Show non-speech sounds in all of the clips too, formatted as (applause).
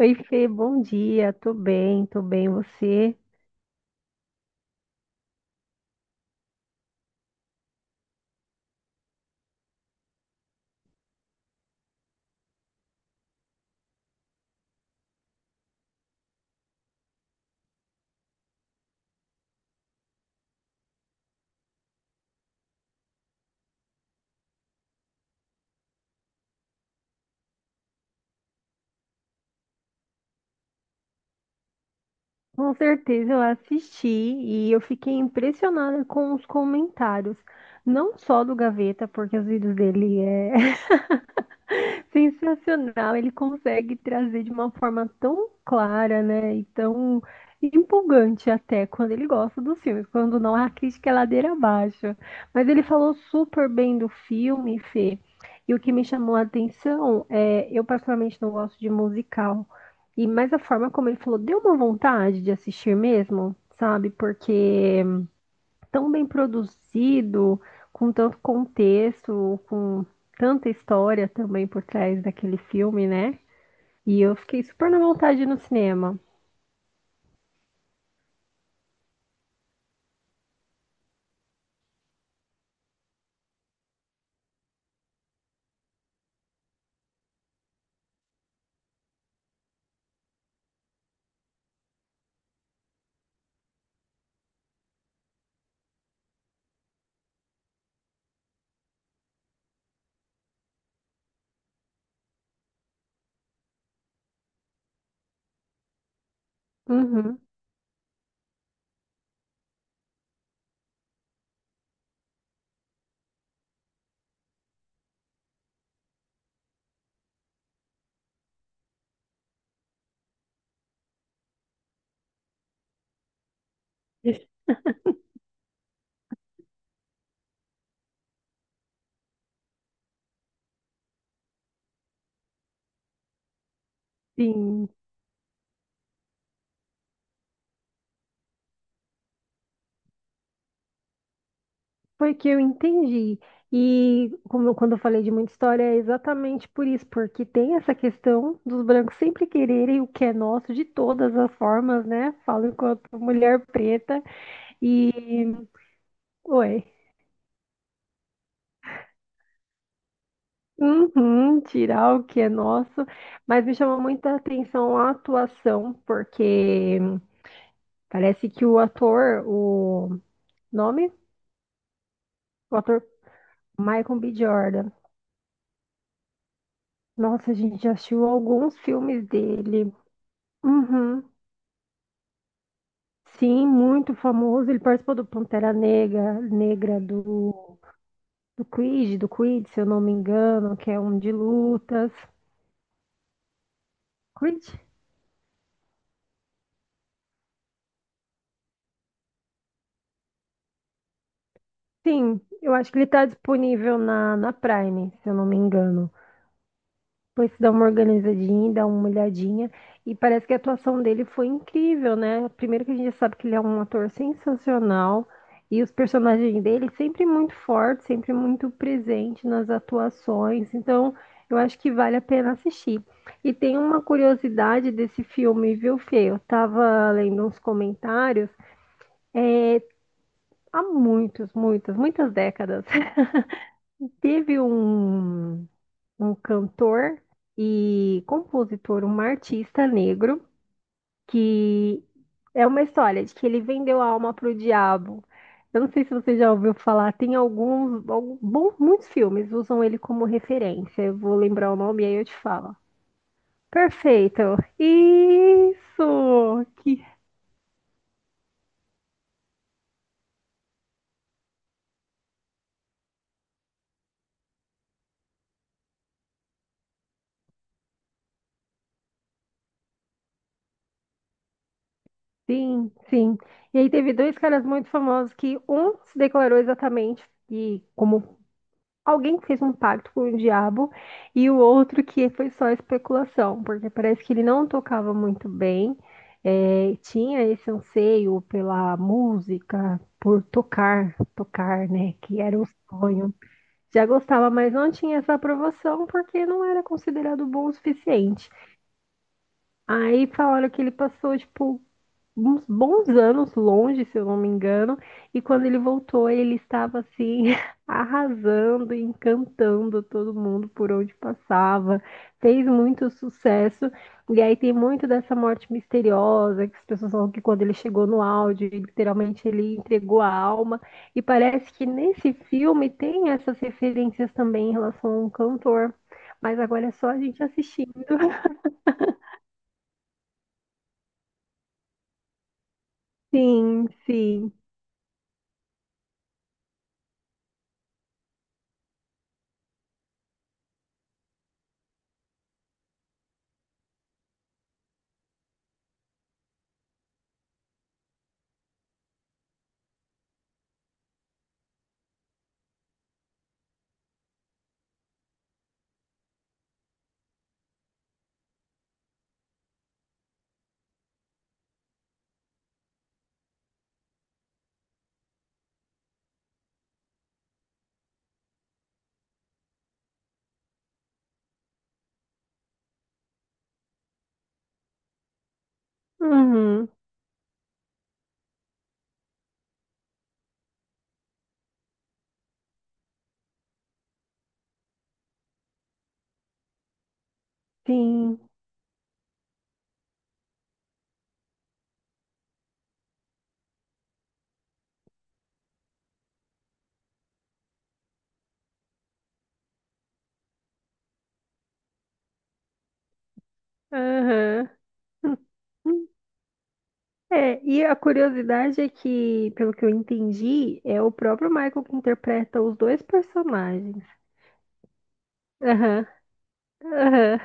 Oi, Fê, bom dia. Tô bem. Você? Com certeza eu assisti e eu fiquei impressionada com os comentários, não só do Gaveta, porque os vídeos dele é (laughs) (laughs) sensacional, ele consegue trazer de uma forma tão clara, né? E tão empolgante até quando ele gosta dos filmes, quando não a crítica é ladeira abaixo. Mas ele falou super bem do filme, Fê. E o que me chamou a atenção é, eu particularmente não gosto de musical. E mas a forma como ele falou, deu uma vontade de assistir mesmo, sabe? Porque tão bem produzido, com tanto contexto, com tanta história também por trás daquele filme, né? E eu fiquei super na vontade no cinema. Uhum. Sim, foi que eu entendi. E quando eu falei de muita história, é exatamente por isso, porque tem essa questão dos brancos sempre quererem o que é nosso de todas as formas, né? Falo enquanto mulher preta e, ué, uhum, tirar o que é nosso, mas me chamou muita atenção a atuação, porque parece que o ator, o nome? O ator Michael B. Jordan. Nossa, a gente já assistiu alguns filmes dele. Uhum. Sim, muito famoso. Ele participou do Pantera Negra, do Creed, se eu não me engano, que é um de lutas. Creed? Sim, eu acho que ele está disponível na Prime, se eu não me engano. Depois você dá uma organizadinha, dá uma olhadinha. E parece que a atuação dele foi incrível, né? Primeiro que a gente já sabe que ele é um ator sensacional. E os personagens dele sempre muito fortes, sempre muito presente nas atuações. Então, eu acho que vale a pena assistir. E tem uma curiosidade desse filme, viu, Fê? Eu tava lendo uns comentários há muitos, muitas décadas. (laughs) Teve um cantor e compositor, um artista negro que é uma história de que ele vendeu a alma para o diabo. Eu não sei se você já ouviu falar, tem bom, muitos filmes usam ele como referência. Eu vou lembrar o nome e aí eu te falo. Perfeito. Isso! Que sim, sim. E aí teve dois caras muito famosos que um se declarou exatamente e como alguém que fez um pacto com o diabo e o outro que foi só especulação, porque parece que ele não tocava muito bem, tinha esse anseio pela música, por tocar, tocar, né, que era o sonho. Já gostava, mas não tinha essa aprovação porque não era considerado bom o suficiente. Aí falaram que ele passou, tipo, uns bons anos longe, se eu não me engano, e quando ele voltou, ele estava assim (laughs) arrasando, encantando todo mundo por onde passava, fez muito sucesso. E aí tem muito dessa morte misteriosa, que as pessoas falam que quando ele chegou no áudio, literalmente ele entregou a alma. E parece que nesse filme tem essas referências também em relação a um cantor. Mas agora é só a gente assistir. Sim, sim. Uhum, sim. Aham. É, e a curiosidade é que, pelo que eu entendi, é o próprio Michael que interpreta os dois personagens. Aham, aham.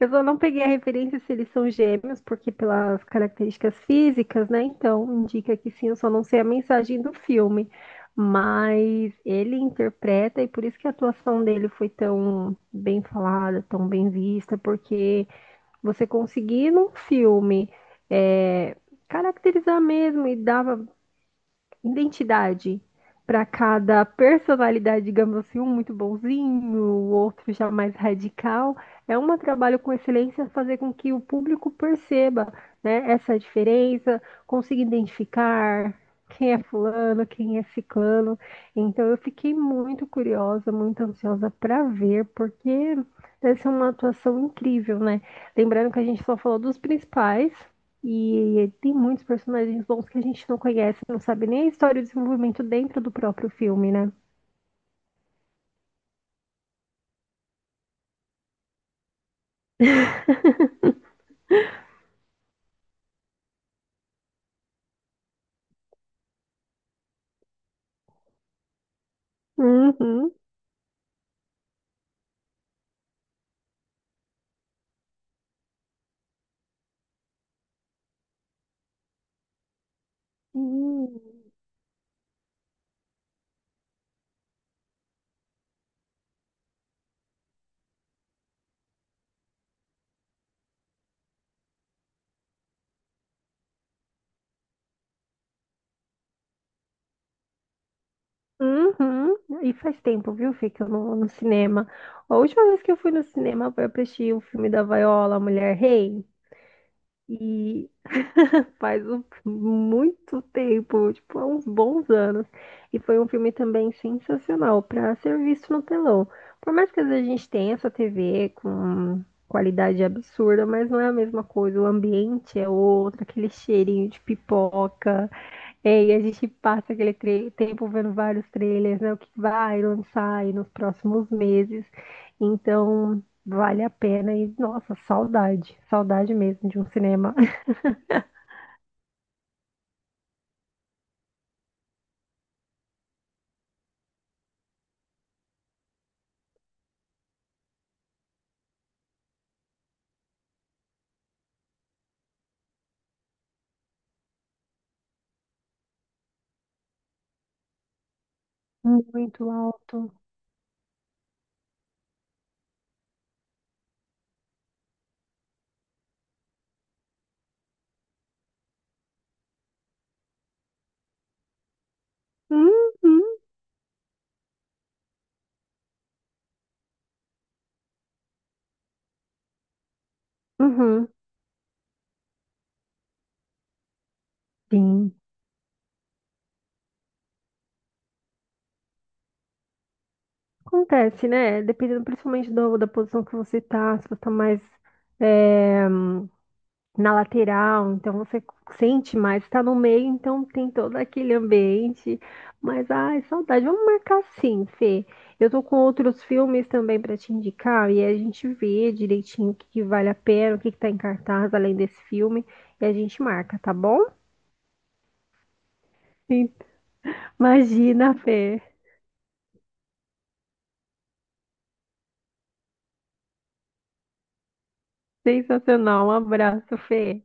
Eu só não peguei a referência se eles são gêmeos, porque pelas características físicas, né? Então, indica que sim, eu só não sei a mensagem do filme. Mas ele interpreta, e por isso que a atuação dele foi tão bem falada, tão bem vista, porque você conseguir num filme. É, caracterizar mesmo e dar identidade para cada personalidade, digamos assim, um muito bonzinho, o outro já mais radical. É um trabalho com excelência fazer com que o público perceba, né, essa diferença, consiga identificar quem é fulano, quem é ciclano. Então eu fiquei muito curiosa, muito ansiosa para ver, porque deve ser uma atuação incrível, né? Lembrando que a gente só falou dos principais, e tem muitos personagens bons que a gente não conhece, não sabe nem a história e o desenvolvimento dentro do próprio filme, né? Uhum. Hum. Uhum. E faz tempo, viu, Fê, que eu não vou no cinema. A última vez que eu fui no cinema foi pra assistir o filme da Viola, Mulher Rei. E (laughs) muito tempo, tipo, há uns bons anos. E foi um filme também sensacional para ser visto no telão. Por mais que às vezes a gente tenha essa TV com qualidade absurda, mas não é a mesma coisa. O ambiente é outro, aquele cheirinho de pipoca. É, e a gente passa tempo vendo vários trailers, né? O que vai lançar aí nos próximos meses. Então, vale a pena. E, nossa, saudade. Saudade mesmo de um cinema. Muito alto. Uhum, uhum. Sim. Acontece, né? Dependendo principalmente da posição que você tá, se você tá mais é, na lateral, então você sente mais, tá no meio, então tem todo aquele ambiente. Mas, ai, saudade. Vamos marcar sim, Fê. Eu tô com outros filmes também pra te indicar, e aí a gente vê direitinho que vale a pena, que tá em cartaz além desse filme, e a gente marca, tá bom? Sim. Imagina, Fê. Sensacional. Um abraço, Fê.